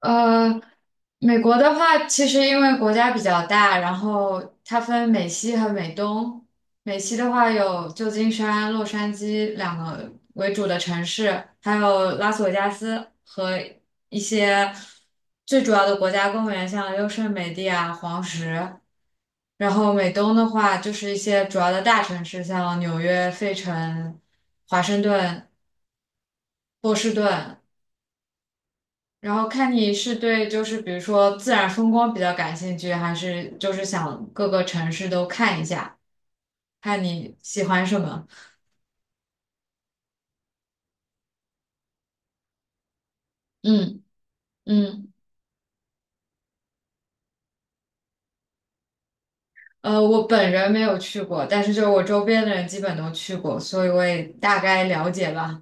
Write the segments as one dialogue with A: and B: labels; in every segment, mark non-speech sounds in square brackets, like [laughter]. A: 呃，美国的话，其实因为国家比较大，然后它分美西和美东。美西的话有旧金山、洛杉矶两个为主的城市，还有拉斯维加斯和一些最主要的国家公园，像优胜美地啊、黄石。然后美东的话，就是一些主要的大城市，像纽约、费城、华盛顿、波士顿。然后看你是对就是比如说自然风光比较感兴趣，还是就是想各个城市都看一下，看你喜欢什么。嗯嗯，我本人没有去过，但是就是我周边的人基本都去过，所以我也大概了解吧。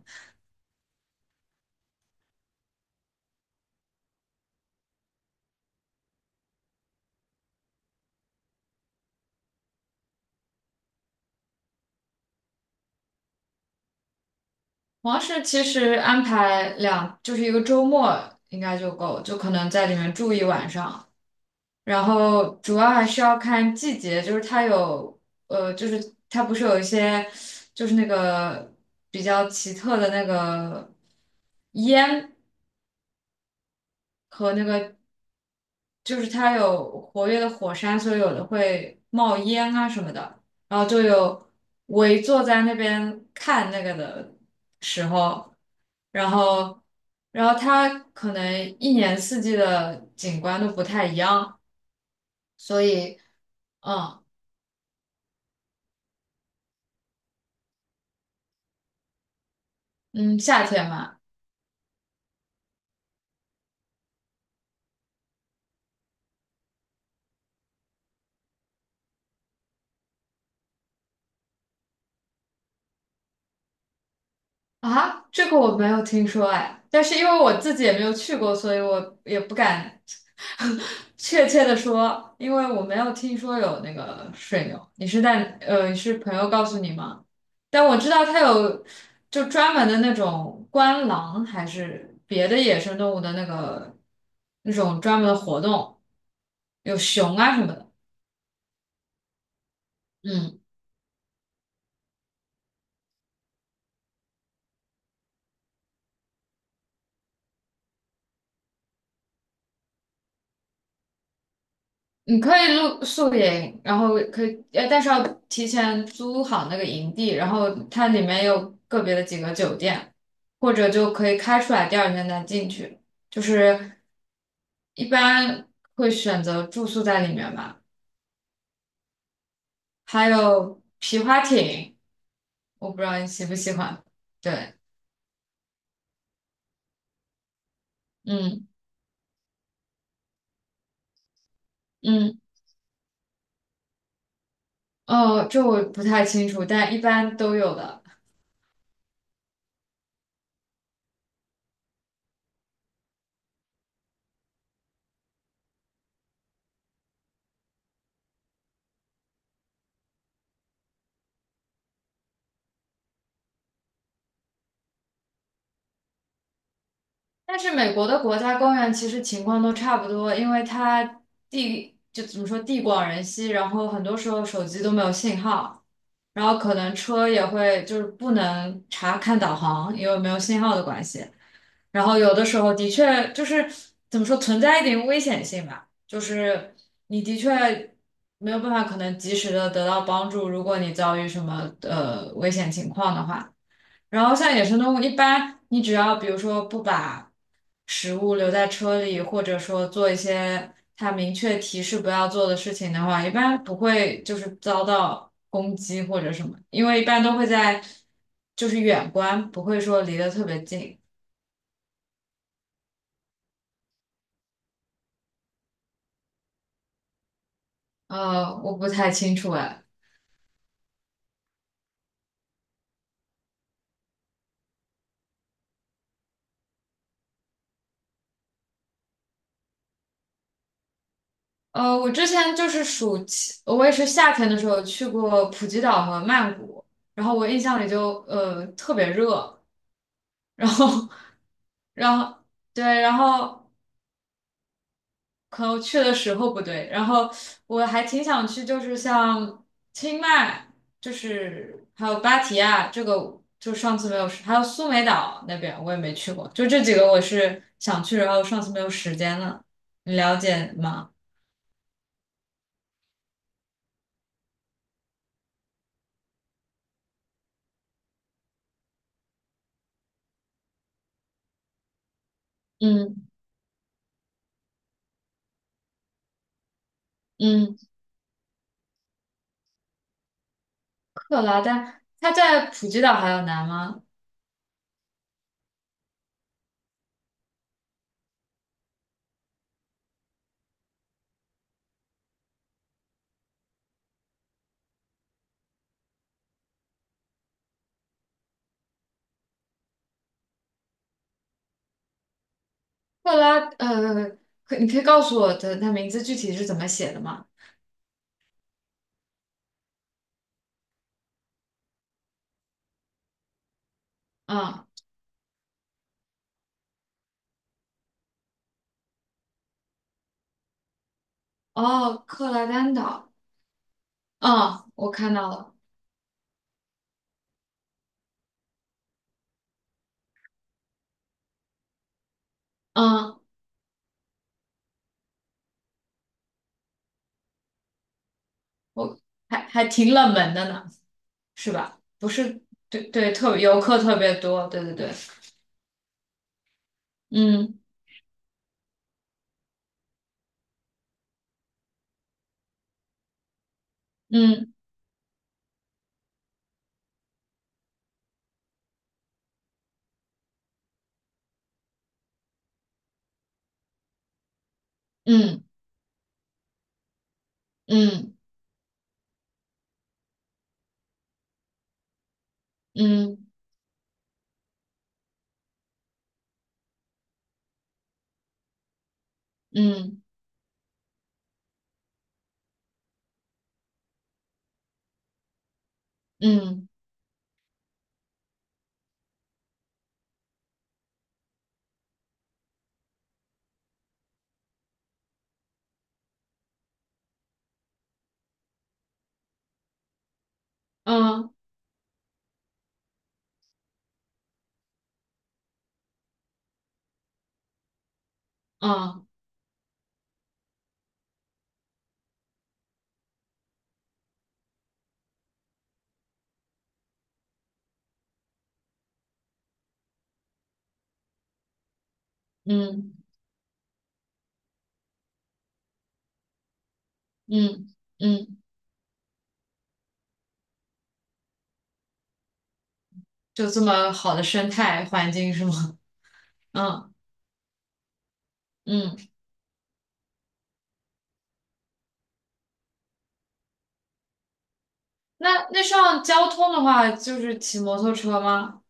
A: 王室其实安排两就是一个周末应该就够，就可能在里面住一晚上。然后主要还是要看季节，就是就是它不是有一些，就是那个比较奇特的那个烟和那个，就是它有活跃的火山，所以有的会冒烟啊什么的。然后就有围坐在那边看那个的时候，然后，然后它可能一年四季的景观都不太一样，所以，嗯。嗯，夏天嘛，啊，这个我没有听说哎，但是因为我自己也没有去过，所以我也不敢 [laughs] 确切的说，因为我没有听说有那个水牛。你是朋友告诉你吗？但我知道它有就专门的那种观狼，还是别的野生动物的那种专门的活动，有熊啊什么的。嗯，你可以露宿营，然后可以，但是要提前租好那个营地，然后它里面有个别的几个酒店，或者就可以开出来，第二天再进去。就是一般会选择住宿在里面吧。还有皮划艇，我不知道你喜不喜欢。对，嗯嗯，哦，这我不太清楚，但一般都有的。但是美国的国家公园其实情况都差不多，因为它地就怎么说地广人稀，然后很多时候手机都没有信号，然后可能车也会就是不能查看导航，因为没有信号的关系。然后有的时候的确就是怎么说存在一点危险性吧，就是你的确没有办法可能及时的得到帮助，如果你遭遇什么危险情况的话。然后像野生动物，一般你只要比如说不把食物留在车里，或者说做一些它明确提示不要做的事情的话，一般不会就是遭到攻击或者什么，因为一般都会在就是远观，不会说离得特别近。我不太清楚哎。我之前就是暑期，我也是夏天的时候去过普吉岛和曼谷，然后我印象里就特别热，然后，然后，对，然后可能去的时候不对，然后我还挺想去，就是像清迈，就是还有芭提雅，这个就上次没有时还有苏梅岛那边我也没去过，就这几个我是想去，然后上次没有时间了，你了解吗？嗯嗯，克拉丹，它在普吉岛还有南吗？克拉，呃，你可以告诉我的它名字具体是怎么写的吗？嗯。哦，克拉丹岛，嗯，我看到了，嗯，我还挺冷门的呢，是吧？不是，对对，特别游客特别多，对对对，嗯嗯嗯嗯嗯嗯嗯嗯嗯嗯嗯嗯，就这么好的生态环境是吗？[laughs] 嗯嗯，那上交通的话，就是骑摩托车吗？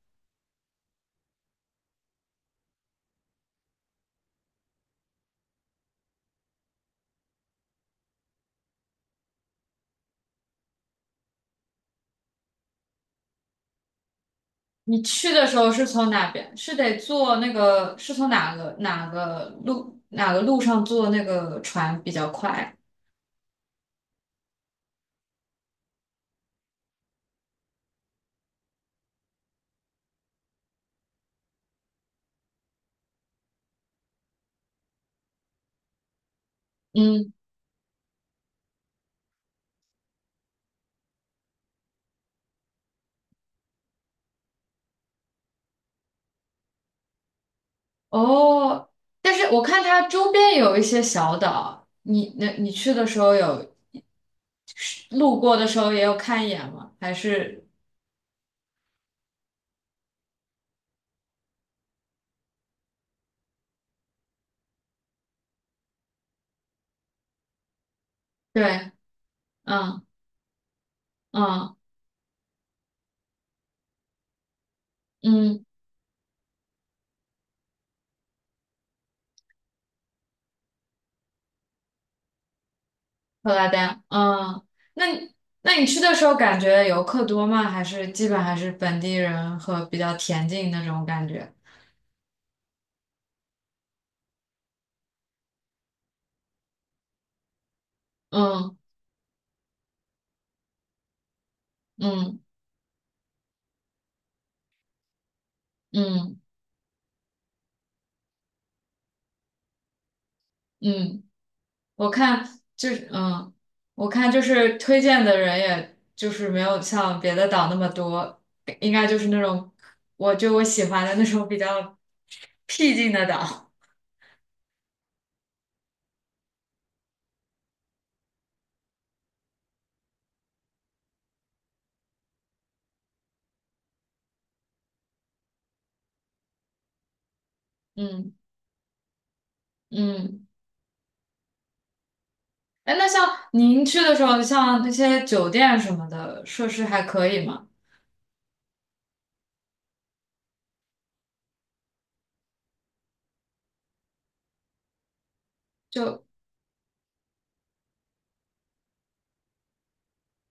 A: 你去的时候是从哪边？是得坐那个，是从哪个路上坐那个船比较快？嗯，哦，但是我看它周边有一些小岛，那你去的时候有路过的时候也有看一眼吗？还是对，嗯嗯嗯，布拉丹，嗯，那你那你去的时候感觉游客多吗？还是基本还是本地人和比较恬静那种感觉？嗯嗯。嗯嗯，我看就是嗯，我看就是推荐的人，也就是没有像别的岛那么多，应该就是那种我喜欢的那种比较僻静的岛。嗯嗯，哎，那像您去的时候，像那些酒店什么的设施还可以吗？就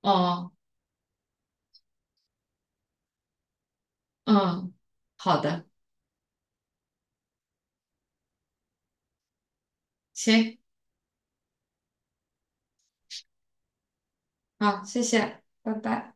A: 哦嗯，好的，行，好，谢谢，拜拜。